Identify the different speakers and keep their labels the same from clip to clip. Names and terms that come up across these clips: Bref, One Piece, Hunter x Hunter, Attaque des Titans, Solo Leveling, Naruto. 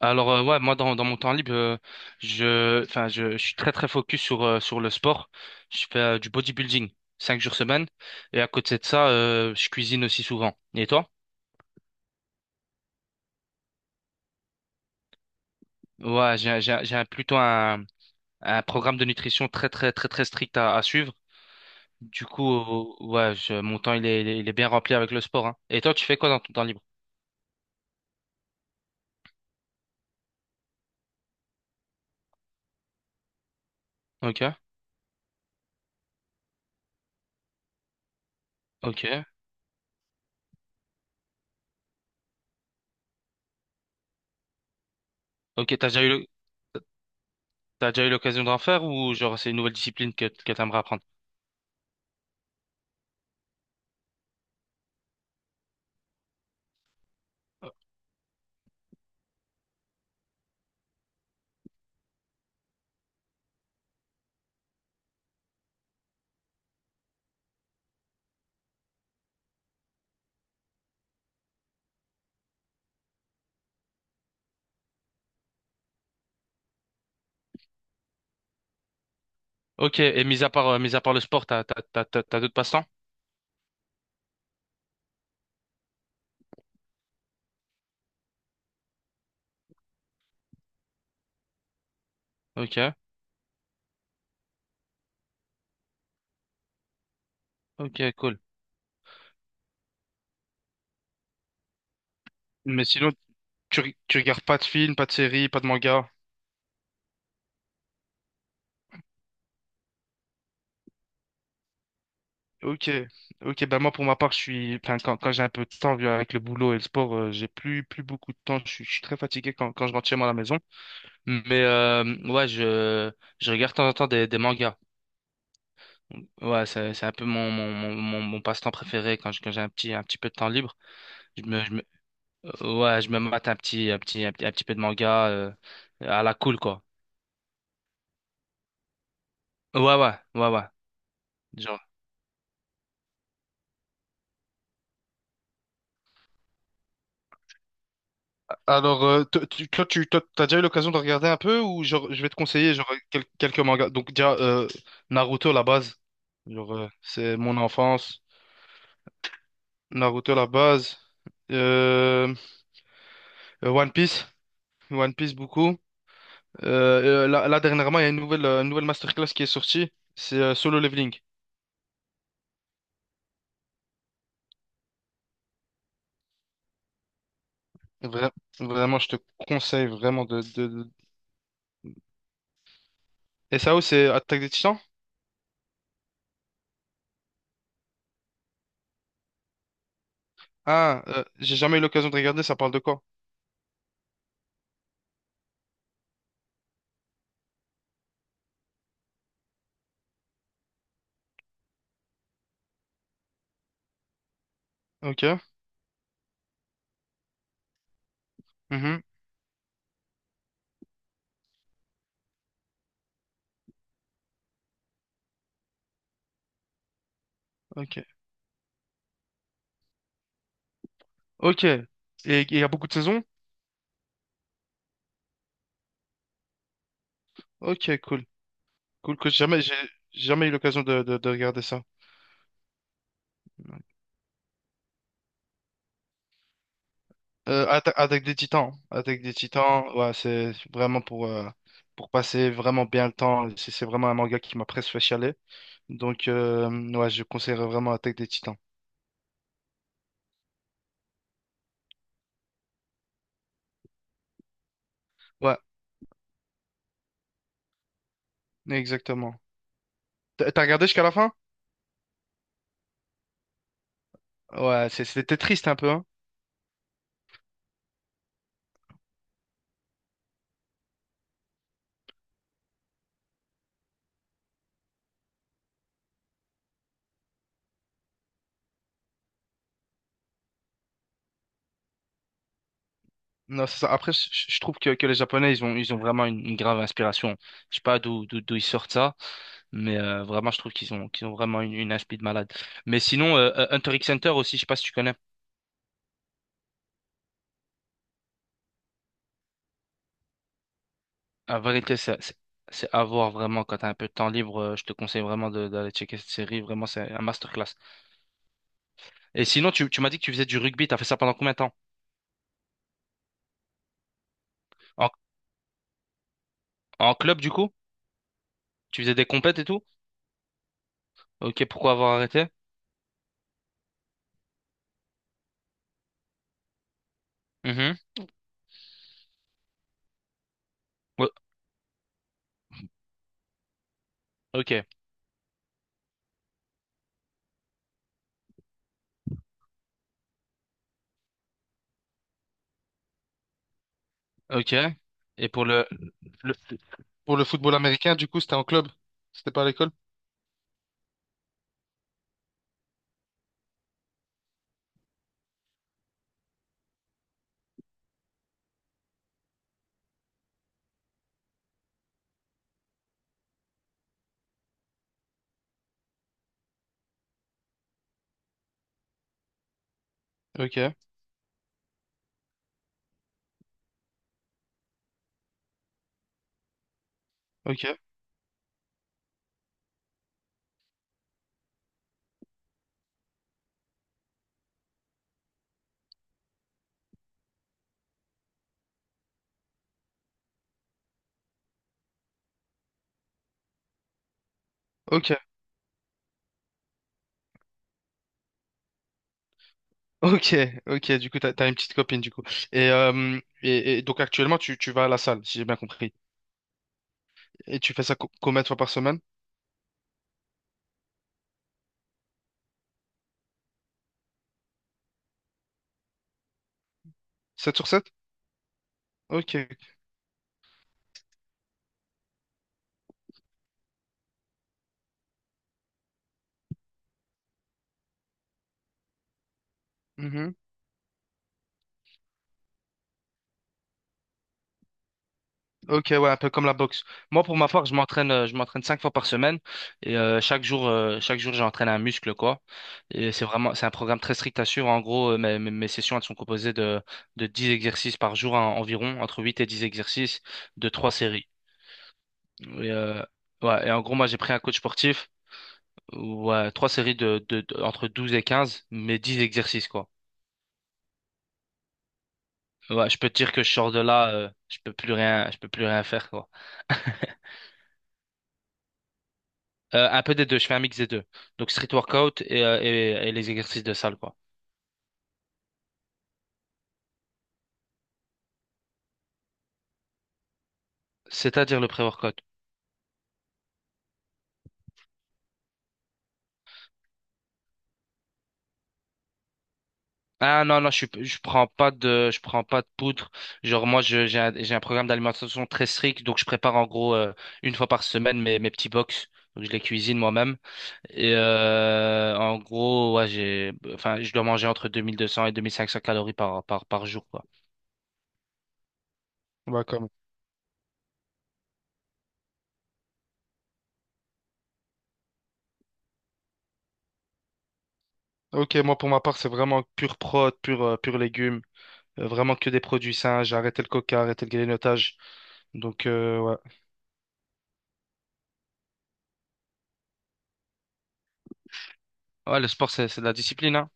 Speaker 1: Alors ouais, moi dans mon temps libre, je suis très très focus sur le sport. Je fais du bodybuilding 5 jours semaine, et à côté de ça, je cuisine aussi souvent. Et toi? Ouais, plutôt un programme de nutrition très très très très strict à suivre. Du coup, ouais, mon temps il est bien rempli avec le sport, hein. Et toi, tu fais quoi dans ton temps libre? Ok. ok ok t'as déjà eu le- T'as déjà eu l'occasion d'en faire, ou genre c'est une nouvelle discipline que t'aimerais apprendre? Ok, et mis à part le sport, t'as d'autres passe-temps? Ok. Ok, cool. Mais sinon, tu regardes pas de films, pas de séries, pas de mangas. Ok. Ok, ben, moi pour ma part, enfin, quand j'ai un peu de temps, vu avec le boulot et le sport, j'ai plus beaucoup de temps. Je suis très fatigué quand je rentre chez moi à la maison. Mais ouais, je regarde de temps en temps des mangas. Ouais, c'est un peu mon passe-temps préféré quand j'ai un petit peu de temps libre. Ouais, je me mate un petit peu de manga, à la cool, quoi. Ouais, ouais, ouais, ouais. Genre. Alors, toi, t'as déjà eu l'occasion de regarder un peu, ou genre, je vais te conseiller genre, quelques mangas. Donc, déjà, Naruto, la base. Genre, c'est mon enfance. Naruto, la base. Euh, One Piece. One Piece, beaucoup. Là, dernièrement, il y a une nouvelle masterclass qui est sortie. C'est Solo Leveling. Vra- Vraiment, je te conseille vraiment de... Et ça, où c'est Attaque des Titans? Ah, j'ai jamais eu l'occasion de regarder, ça parle de quoi? Ok. Mhm. Ok. Ok. Et il y a beaucoup de saisons? Ok, cool. Cool que Jamais, j'ai jamais eu l'occasion de regarder ça. Attaque des Titans. Attaque des Titans, ouais, c'est vraiment pour passer vraiment bien le temps. C'est vraiment un manga qui m'a presque fait chialer. Donc, ouais, je conseillerais vraiment Attaque des Titans. Ouais, exactement. T'as regardé jusqu'à la fin? Ouais, c'était triste un peu, hein. Non, c'est ça. Après, je trouve que les Japonais, ils ont vraiment une grave inspiration. Je sais pas d'où ils sortent ça, mais vraiment, je trouve qu'ils ont vraiment une inspi de malade. Mais sinon, Hunter x Hunter aussi, je sais pas si tu connais. En vérité, c'est à voir vraiment quand t'as un peu de temps libre. Je te conseille vraiment d'aller checker cette série. Vraiment, c'est un masterclass. Et sinon, tu m'as dit que tu faisais du rugby. T'as fait ça pendant combien de temps? En, En club, du coup? Tu faisais des compètes et tout? Ok, pourquoi avoir arrêté? Mhm. Ouais. Ok. ok. Et le, pour le football américain, du coup, c'était en club. C'était pas à l'école. Ok, ok, ok, ok, ok. Du coup, t'as une petite copine, du coup. Et donc, actuellement, tu vas à la salle, si j'ai bien compris. Et tu fais ça combien de fois par semaine? 7 sur 7. Ok. Mhm. Ok, ouais, un peu comme la boxe. Moi, pour ma part, je m'entraîne 5 fois par semaine, et chaque jour, j'entraîne un muscle, quoi. C'est un programme très strict à suivre. En gros, mes sessions, elles sont composées de 10 exercices par jour, environ, entre 8 et 10 exercices de 3 séries. Et, ouais, et en gros, moi, j'ai pris un coach sportif, ouais, 3 séries entre 12 et 15, mais 10 exercices, quoi. Ouais, je peux te dire que je sors de là, je peux plus rien faire, quoi. Un peu des deux, je fais un mix des deux. Donc street workout et les exercices de salle, quoi. C'est-à-dire le pré-workout. Ah non, non, je prends pas de poudre. Genre moi, j'ai un programme d'alimentation très strict, donc je prépare en gros, une fois par semaine mes petits box. Donc je les cuisine moi-même. Et en gros, ouais, enfin, je dois manger entre 2200 et 2500 calories par jour, quoi. Ouais, comme. Ok, moi pour ma part, c'est vraiment pur légumes. Vraiment que des produits sains. J'ai arrêté le coca, arrêté le grignotage. Donc, ouais. Ouais, le sport, c'est de la discipline, hein.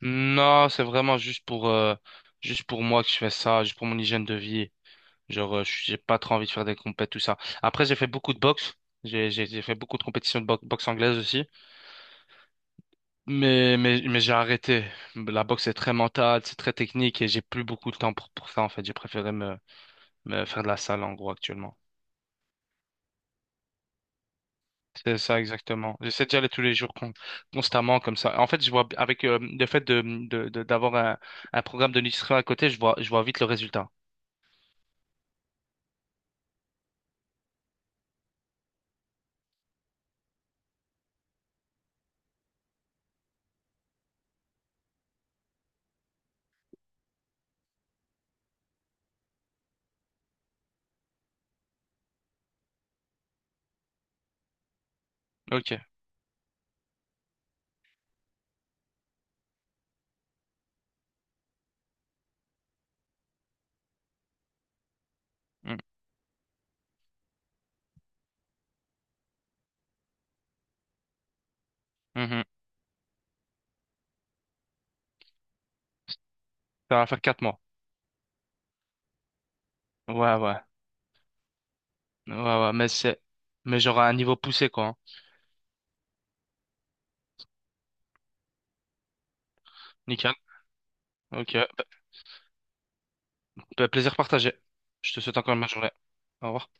Speaker 1: Non, c'est vraiment juste pour moi que je fais ça, juste pour mon hygiène de vie. Genre, j'ai pas trop envie de faire des compètes, tout ça. Après, j'ai fait beaucoup de boxe. J'ai fait beaucoup de compétitions de boxe anglaise aussi. Mais j'ai arrêté. La boxe est très mentale, c'est très technique, et j'ai plus beaucoup de temps pour ça, en fait. J'ai préféré me faire de la salle, en gros, actuellement. C'est ça, exactement. J'essaie d'y aller tous les jours constamment comme ça. En fait, je vois avec le fait d'avoir un programme de nutrition à côté, je vois vite le résultat. Ok. Mm. Mhm. Ça va faire 4 mois. Ouais, ouais. Ouais, ouais. Mais genre à un niveau poussé, quoi, hein. Nickel. Ok. Bah, bah, plaisir partagé. Je te souhaite encore une bonne journée. Au revoir.